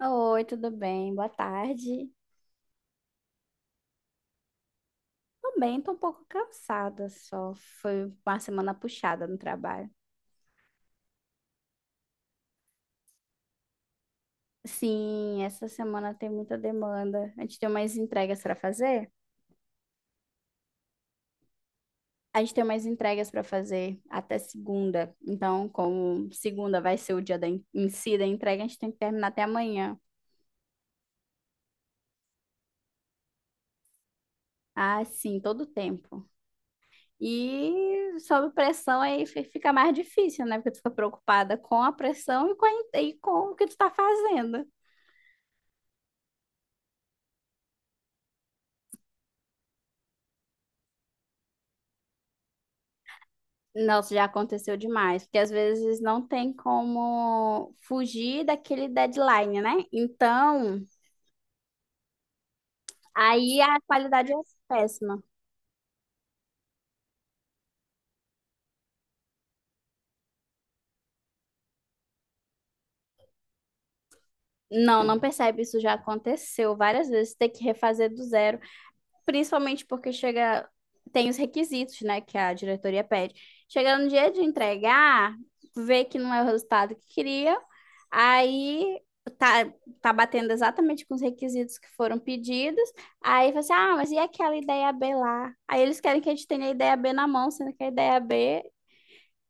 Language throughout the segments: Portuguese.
Oi, tudo bem? Boa tarde. Tô bem, tô um pouco cansada só. Foi uma semana puxada no trabalho. Sim, essa semana tem muita demanda. A gente tem umas entregas para fazer? A gente tem umas entregas para fazer até segunda. Então, como segunda vai ser o dia da, em si da entrega, a gente tem que terminar até amanhã. Ah, sim, todo o tempo. E sob pressão fica mais difícil, né? Porque tu fica preocupada com a pressão e com, e com o que tu tá fazendo. Nossa, já aconteceu demais, porque às vezes não tem como fugir daquele deadline, né? Então, aí a qualidade é péssima. Não, não percebe, isso já aconteceu várias vezes, ter que refazer do zero. Principalmente porque chega, tem os requisitos, né, que a diretoria pede. Chega no dia de entregar, vê que não é o resultado que queria, aí tá, tá batendo exatamente com os requisitos que foram pedidos, aí fala assim, ah, mas e aquela ideia B lá? Aí eles querem que a gente tenha a ideia B na mão, sendo que a ideia B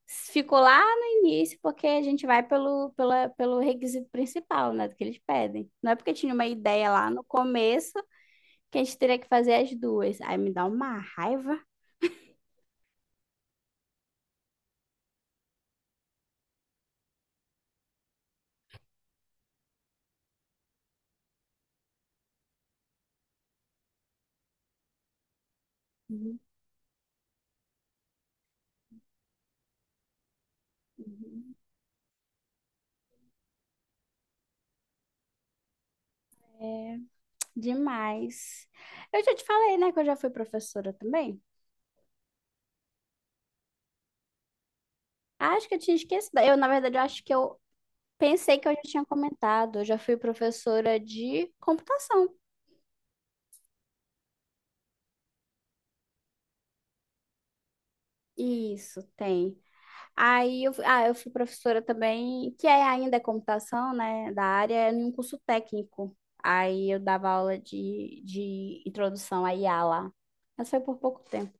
ficou lá no início, porque a gente vai pelo requisito principal, né, do que eles pedem. Não é porque tinha uma ideia lá no começo que a gente teria que fazer as duas. Aí me dá uma raiva. Uhum. Uhum. Demais. Eu já te falei, né, que eu já fui professora também. Acho que eu tinha esquecido. Eu, na verdade, eu acho que eu pensei que eu já tinha comentado. Eu já fui professora de computação. Isso, tem. Aí eu, ah, eu fui professora também, que é ainda é computação, né, da área, em um curso técnico. Aí eu dava aula de introdução à I a lá. Mas foi por pouco tempo.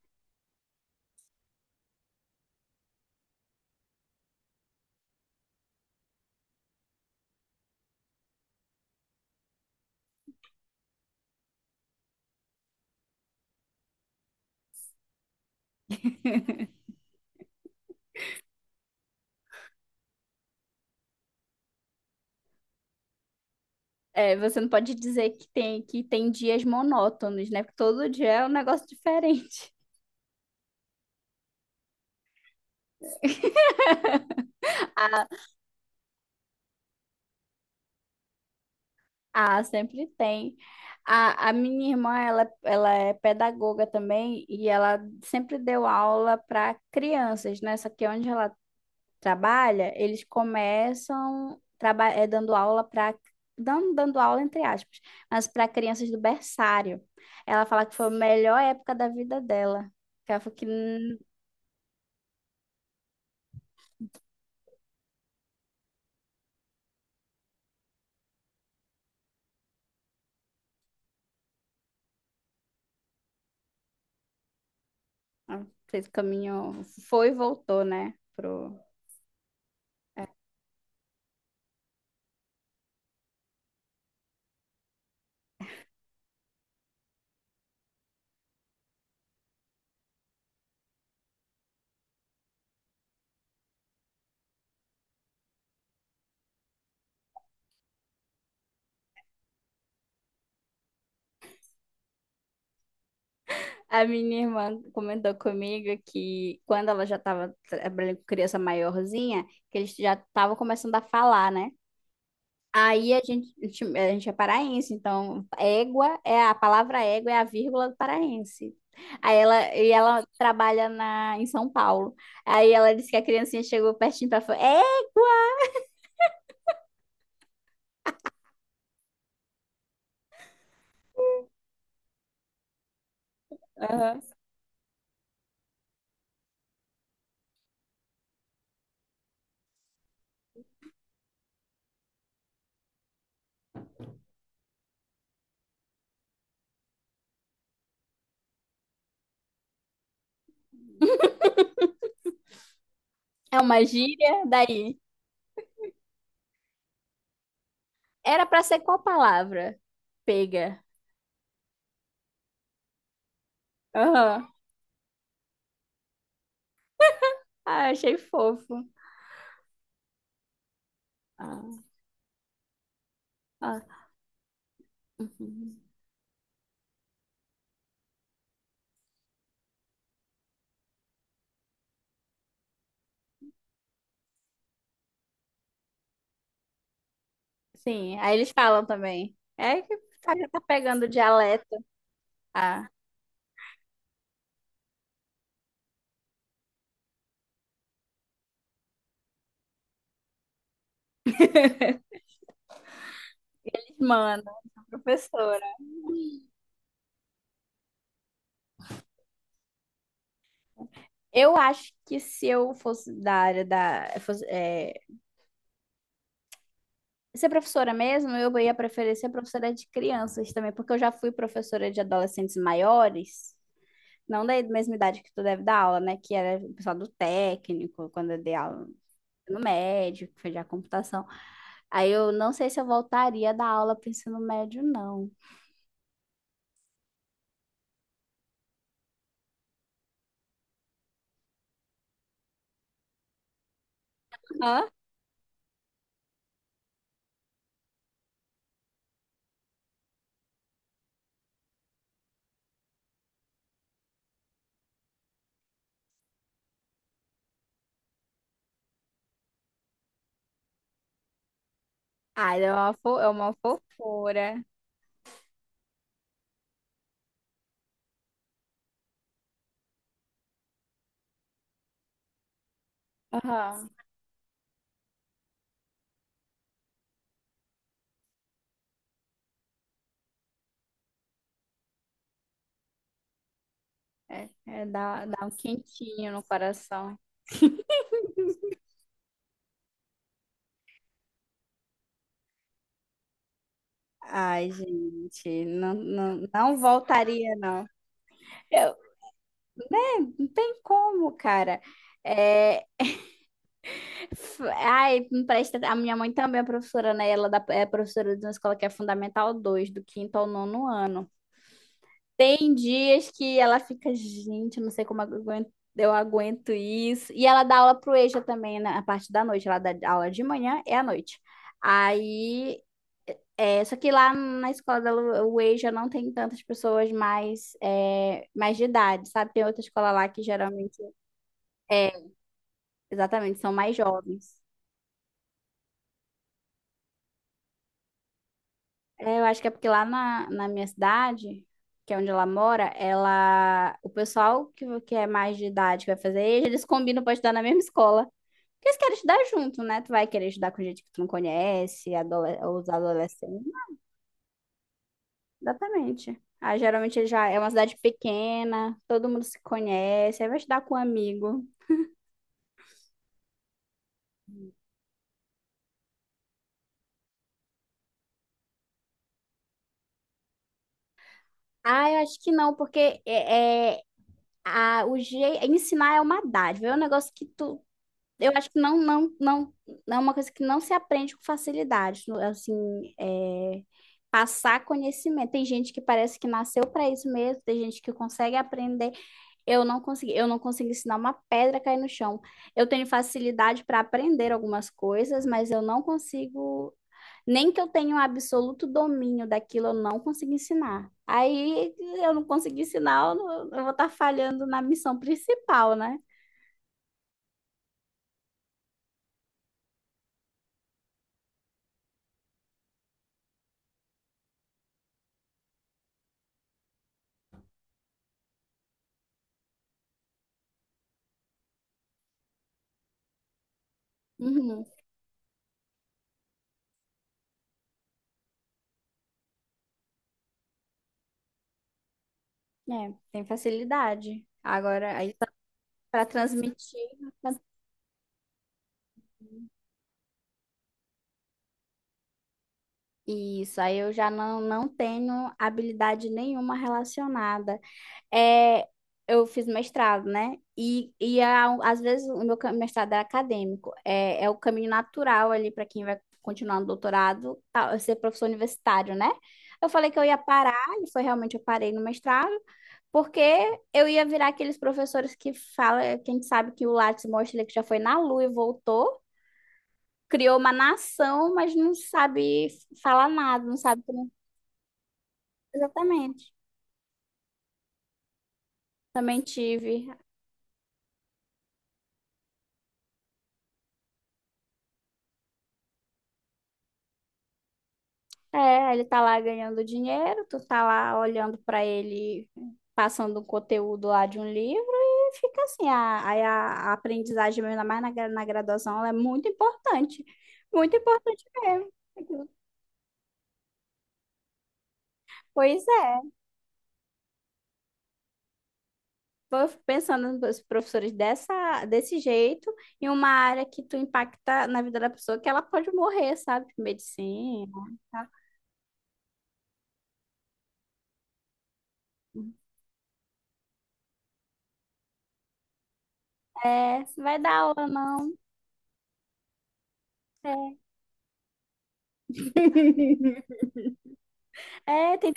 É, você não pode dizer que que tem dias monótonos, né? Porque todo dia é um negócio diferente. Ah, ah, sempre tem. A minha irmã, ela é pedagoga também e ela sempre deu aula para crianças, né? Só que onde ela trabalha, eles dando aula para dando aula entre aspas, mas para crianças do berçário. Ela fala que foi a melhor época da vida dela. Que ela falou que ela fez o caminho, foi e voltou, né? A minha irmã comentou comigo que quando ela já estava trabalhando com criança maiorzinha, que eles já estavam começando a falar, né? Aí a gente, a gente A gente é paraense, então égua é a palavra, égua é a vírgula do paraense. Aí ela, e ela trabalha em São Paulo. Aí ela disse que a criancinha chegou pertinho para falar, é, aham, é uma gíria, daí. Era para ser qual palavra? Pega. Aham. Ah, achei fofo. Ah, ah, uhum. Sim, aí eles falam também. É que já tá pegando o dialeto. Ah, mano, professora. Eu acho que se eu fosse da área da. Fosse, é, ser professora mesmo, eu ia preferir ser professora de crianças também, porque eu já fui professora de adolescentes maiores, não da mesma idade que tu deve dar aula, né? Que era o pessoal do técnico, quando eu dei aula no médio, que foi de computação. Aí eu não sei se eu voltaria da aula para ensino médio, não. Hã? Ah, é uma, é uma fofura. Aham. É, dá um quentinho no coração. Ai, gente, não, não, não voltaria, não. Eu- Não tem como, cara. É, ai, me presta, a minha mãe também é professora, né? É professora de uma escola que é Fundamental 2 do quinto ao nono ano. Tem dias que ela fica, gente, eu não sei como eu aguento isso. E ela dá aula pro EJA também na parte da noite. Ela dá aula de manhã e à noite. Aí, é, só que lá na escola dela, o EJA não tem tantas pessoas mais, é, mais de idade, sabe? Tem outra escola lá que geralmente, é, exatamente, são mais jovens. É, eu acho que é porque na minha cidade, que é onde ela mora, ela, o pessoal que é mais de idade que vai fazer EJA, eles combinam para estudar na mesma escola. Porque eles querem estudar junto, né? Tu vai querer estudar com gente que tu não conhece, os adolescentes. Exatamente. Ah, geralmente já é uma cidade pequena, todo mundo se conhece, aí vai estudar com um amigo. Ah, eu acho que não, porque a, o je, ensinar é uma dádiva, é um negócio que tu. Eu acho que não, não é uma coisa que não se aprende com facilidade. Assim, é, passar conhecimento. Tem gente que parece que nasceu para isso mesmo, tem gente que consegue aprender. Eu não consigo ensinar uma pedra a cair no chão. Eu tenho facilidade para aprender algumas coisas, mas eu não consigo, nem que eu tenha um absoluto domínio daquilo, eu não consigo ensinar. Aí eu não consigo ensinar, eu, não- Eu vou estar falhando na missão principal, né? Uhum. É, tem facilidade. Agora, aí para transmitir. Isso, aí eu já não, não tenho habilidade nenhuma relacionada. É, eu fiz mestrado, né? Às vezes o meu mestrado é acadêmico, é o caminho natural ali para quem vai continuar no doutorado, tá, ser professor universitário, né? Eu falei que eu ia parar, e foi realmente, eu parei no mestrado, porque eu ia virar aqueles professores que fala, quem sabe, que o Lattes mostra, ele que já foi na Lua e voltou, criou uma nação, mas não sabe falar nada, não sabe como. Exatamente. Também tive. É, ele tá lá ganhando dinheiro, tu tá lá olhando pra ele, passando um conteúdo lá de um livro e fica assim, a aprendizagem, mesmo, ainda mais na graduação, ela é muito importante mesmo. Pois é, eu fico pensando nos professores desse jeito, em uma área que tu impacta na vida da pessoa, que ela pode morrer, sabe? Tipo, Medicina, tá? É, vai dar aula, não. É, é, tem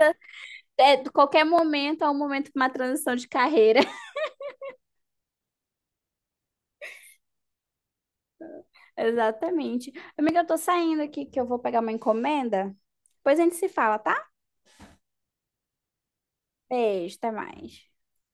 é, de qualquer momento é um momento para uma transição de carreira. Exatamente. Amiga, eu tô saindo aqui que eu vou pegar uma encomenda. Depois a gente se fala, tá? Beijo, até mais.